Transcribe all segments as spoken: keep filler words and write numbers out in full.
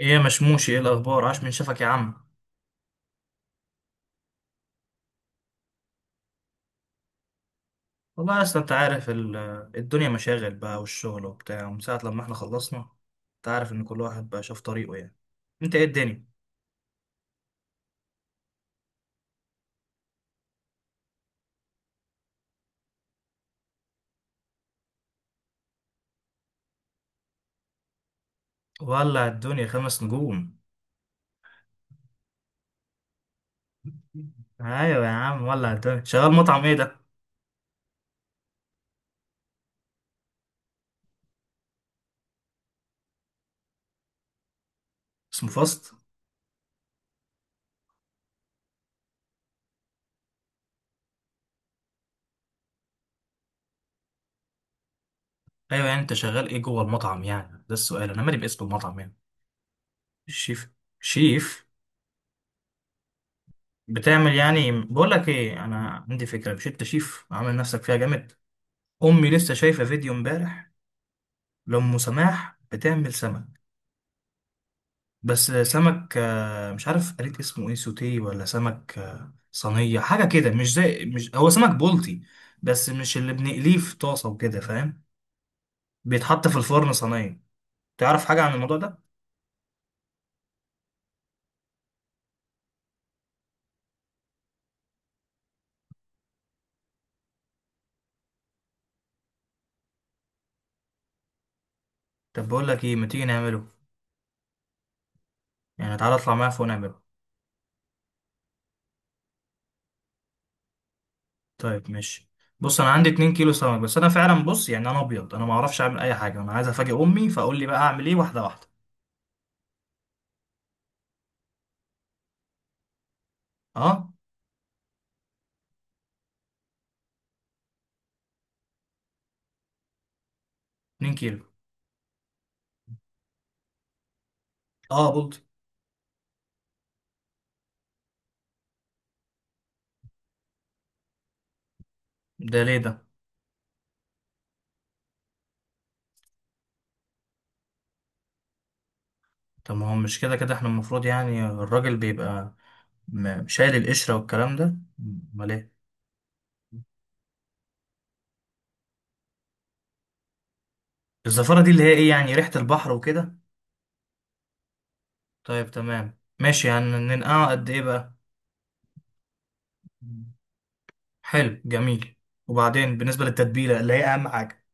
ايه يا مشموشي، ايه الاخبار؟ عاش من شافك يا عم. والله اصل انت عارف ال- الدنيا مشاغل بقى والشغل وبتاع، ومن ساعه لما احنا خلصنا انت عارف ان كل واحد بقى شاف طريقه يعني. انت ايه الدنيا؟ ولع الدنيا خمس نجوم. ايوه يا عم، ولع الدنيا. شغال مطعم ايه ده؟ اسمه فاست. ايوه يعني انت شغال ايه جوه المطعم؟ يعني ده السؤال، انا مالي باسم المطعم يعني. الشيف؟ شيف؟ بتعمل يعني، بقول لك ايه، انا عندي فكره. مش انت شيف عامل نفسك فيها جامد؟ امي لسه شايفه فيديو امبارح لأم سماح بتعمل سمك. بس سمك آه، مش عارف قريت اسمه ايه، سوتيه ولا سمك آه، صينية، حاجة كده. مش زي، مش هو سمك بولتي بس مش اللي بنقليه في طاسة وكده، فاهم؟ بيتحط في الفرن صينية. تعرف حاجة عن الموضوع ده؟ طب بقول لك ايه، ما تيجي نعمله؟ يعني تعالى اطلع معايا فوق نعمله. طيب ماشي. بص انا عندي 2 كيلو سمك، بس انا فعلا، بص يعني انا ابيض، انا ما اعرفش اعمل اي حاجة، انا عايز افاجئ امي، فاقول لي بقى اعمل ايه، واحدة واحدة. اه. 2 كيلو. اه، بولتي. ده ليه ده؟ طب ما هو مش كده كده احنا المفروض، يعني الراجل بيبقى م- شايل القشرة والكلام ده. امال ايه؟ الزفارة دي اللي هي ايه يعني، ريحة البحر وكده؟ طيب تمام ماشي. يعني ننقعه قد ايه بقى؟ حلو، جميل. وبعدين بالنسبة للتتبيلة اللي هي اهم حاجة.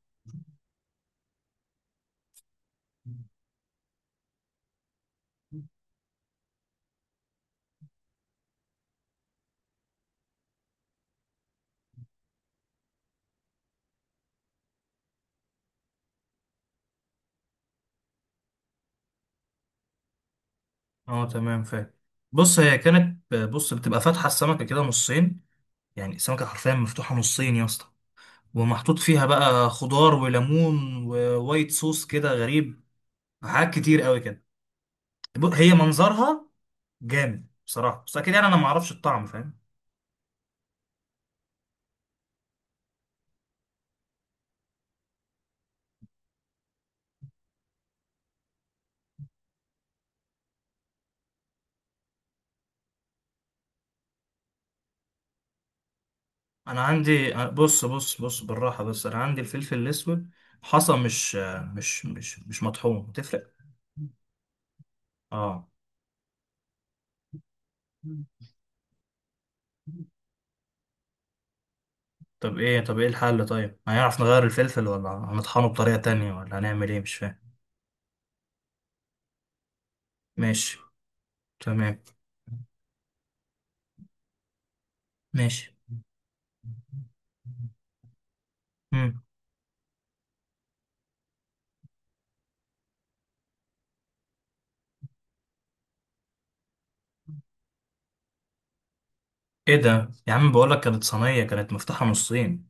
اه تمام، فاهم. بص، هي كانت، بص، بتبقى فاتحة السمكة كده نصين. يعني السمكة حرفيا مفتوحة نصين يا اسطى، ومحطوط فيها بقى خضار وليمون ووايت صوص كده، غريب، حاجات كتير قوي كده. ب- هي منظرها جامد بصراحة، بس أكيد يعني أنا ما أعرفش الطعم، فاهم؟ أنا عندي، بص بص بص، بالراحة، بس أنا عندي الفلفل الأسود حصى، مش مش مش مش مطحون، تفرق؟ اه. طب إيه، طب إيه الحل؟ طيب هنعرف نغير الفلفل ولا هنطحنه بطريقة تانية ولا هنعمل إيه؟ مش فاهم. ماشي. تمام. ماشي. مم. إيه ده يا عم، بقولك كانت صينية كانت مفتوحة نصين.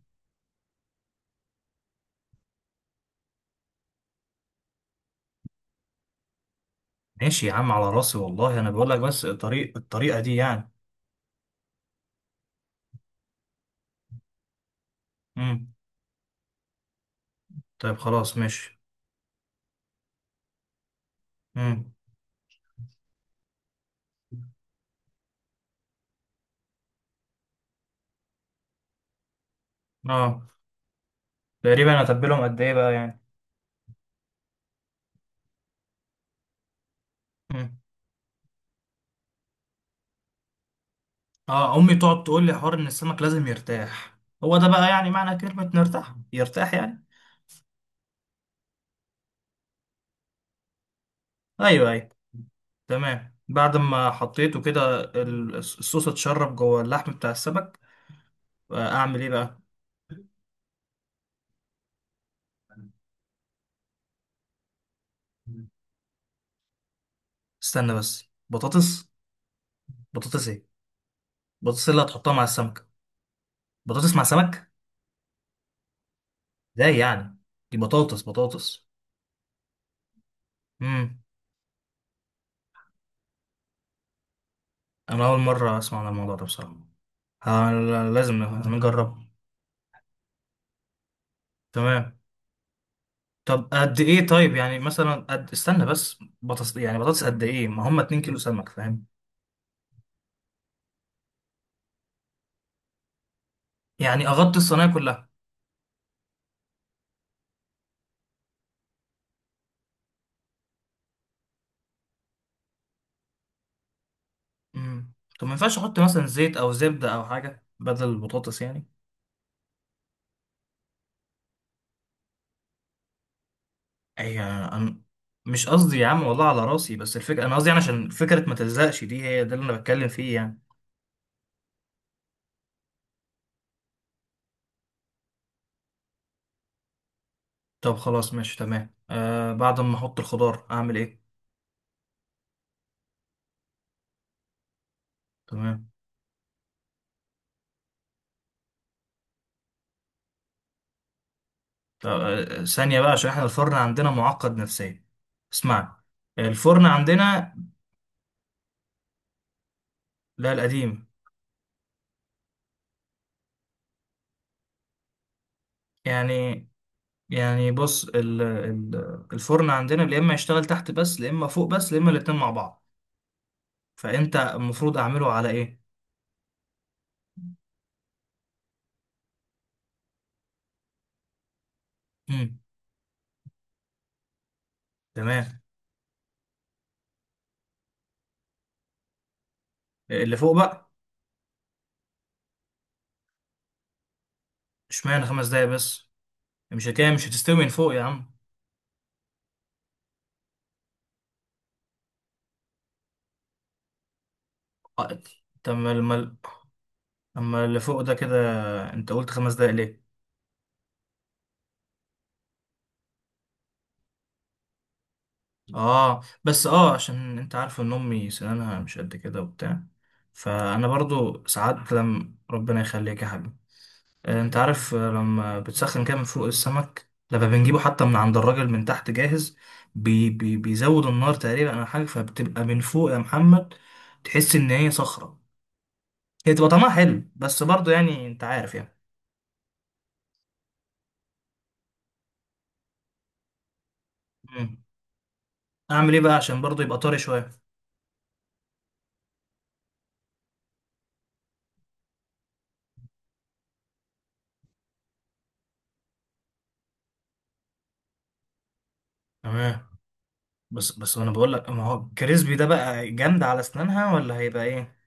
ماشي يا عم، على راسي والله، أنا بقولك بس الطريق، الطريقة دي يعني. مم. طيب خلاص ماشي. مم. اه. تقريبا اتبلهم قد ايه بقى يعني؟ مم. اه. امي تقعد تقول لي حوار ان السمك لازم يرتاح. هو ده بقى يعني معنى كلمة نرتاح، يرتاح يعني؟ ايوه، ايوه. تمام. بعد ما حطيته كده ال- الصوص اتشرب جوه اللحم بتاع السمك. آه، اعمل ايه بقى؟ استنى بس، بطاطس؟ بطاطس ايه؟ بطاطس اللي هتحطها مع السمكة؟ بطاطس مع سمك؟ ازاي يعني؟ دي بطاطس بطاطس. امم. انا اول مرة اسمع عن الموضوع ده بصراحة. ه- لازم لازم نجربه. تمام. طب قد ايه؟ طيب يعني مثلا قد، استنى بس، بطاطس يعني بطاطس قد ايه؟ ما هم 2 كيلو سمك، فاهم؟ يعني اغطي الصينيه كلها؟ امم. طب ما ينفعش احط مثلا زيت او زبده او حاجه بدل البطاطس يعني؟ اي انا؟ مش قصدي يا عم، والله على راسي، بس الفكره، انا قصدي يعني عشان فكره ما تلزقش، دي هي ده اللي انا بتكلم فيه يعني. طب خلاص ماشي، تمام. آه، بعد ما احط الخضار اعمل ايه؟ تمام. طب آه، ثانيه بقى، عشان احنا الفرن عندنا معقد نفسيا. اسمعني، الفرن عندنا، لا القديم يعني. يعني بص، ال- ال- الفرن عندنا يا اما يشتغل تحت بس، يا اما فوق بس، يا اما الاتنين مع بعض. فانت المفروض اعمله على ايه؟ امم. تمام. اللي فوق بقى؟ اشمعنى خمس دقايق بس؟ مش كده مش هتستوي من فوق يا عم؟ آه، طب ما الم- اما اللي فوق ده كده انت قلت خمس دقايق ليه؟ اه، بس اه، عشان انت عارف ان امي سنانها مش قد كده وبتاع، فانا برضو ساعات، لما ربنا يخليك يا حبيبي. آه، انت عارف، آه، لما بتسخن كده من فوق، السمك لما بنجيبه حتى من عند الراجل من تحت جاهز، بي بي بيزود النار تقريبا او حاجه، فبتبقى من فوق يا محمد، تحس ان هي صخره. هي تبقى طعمها حلو بس برضو، يعني انت عارف يعني. مم. اعمل ايه بقى عشان برضو يبقى طري شويه؟ تمام. بس بس، انا بقول لك، ما هو الكريسبي ده بقى جامد على اسنانها، ولا هيبقى ايه؟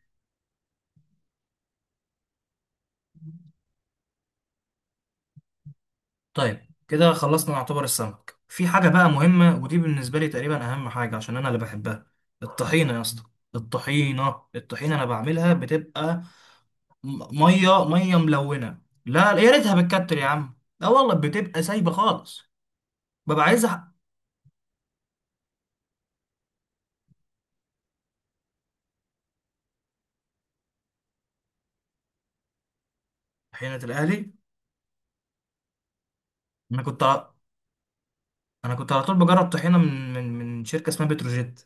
طيب كده خلصنا نعتبر السمك. في حاجة بقى مهمة، ودي بالنسبة لي تقريبا أهم حاجة عشان أنا اللي بحبها، الطحينة يا اسطى. الطحينة، الطحينة أنا بعملها بتبقى م- مية مية ملونة. لا يا ريتها بتكتر يا عم، لا والله بتبقى سايبة خالص. ببقى عايز أح- طحينة الأهلي. أنا كنت ع- أنا كنت على طول بجرب طحينة من من من شركة اسمها بتروجيت.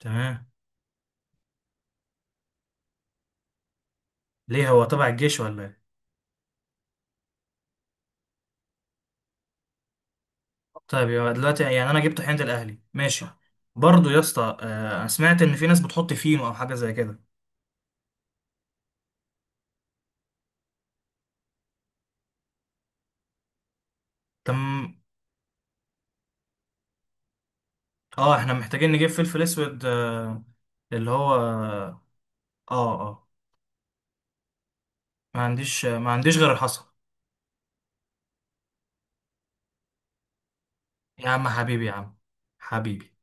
تمام. ليه، هو تبع الجيش ولا إيه؟ طيب يبقى دلوقتي يعني انا جبت حنة الاهلي، ماشي. برضو يا اسطى، آه، انا سمعت ان في ناس بتحط فينو او حاجه زي كده. تم. اه احنا محتاجين نجيب فلفل اسود، آه، اللي هو اه. اه ما عنديش، ما عنديش غير الحصى. يا عم حبيبي، يا عم حبيبي.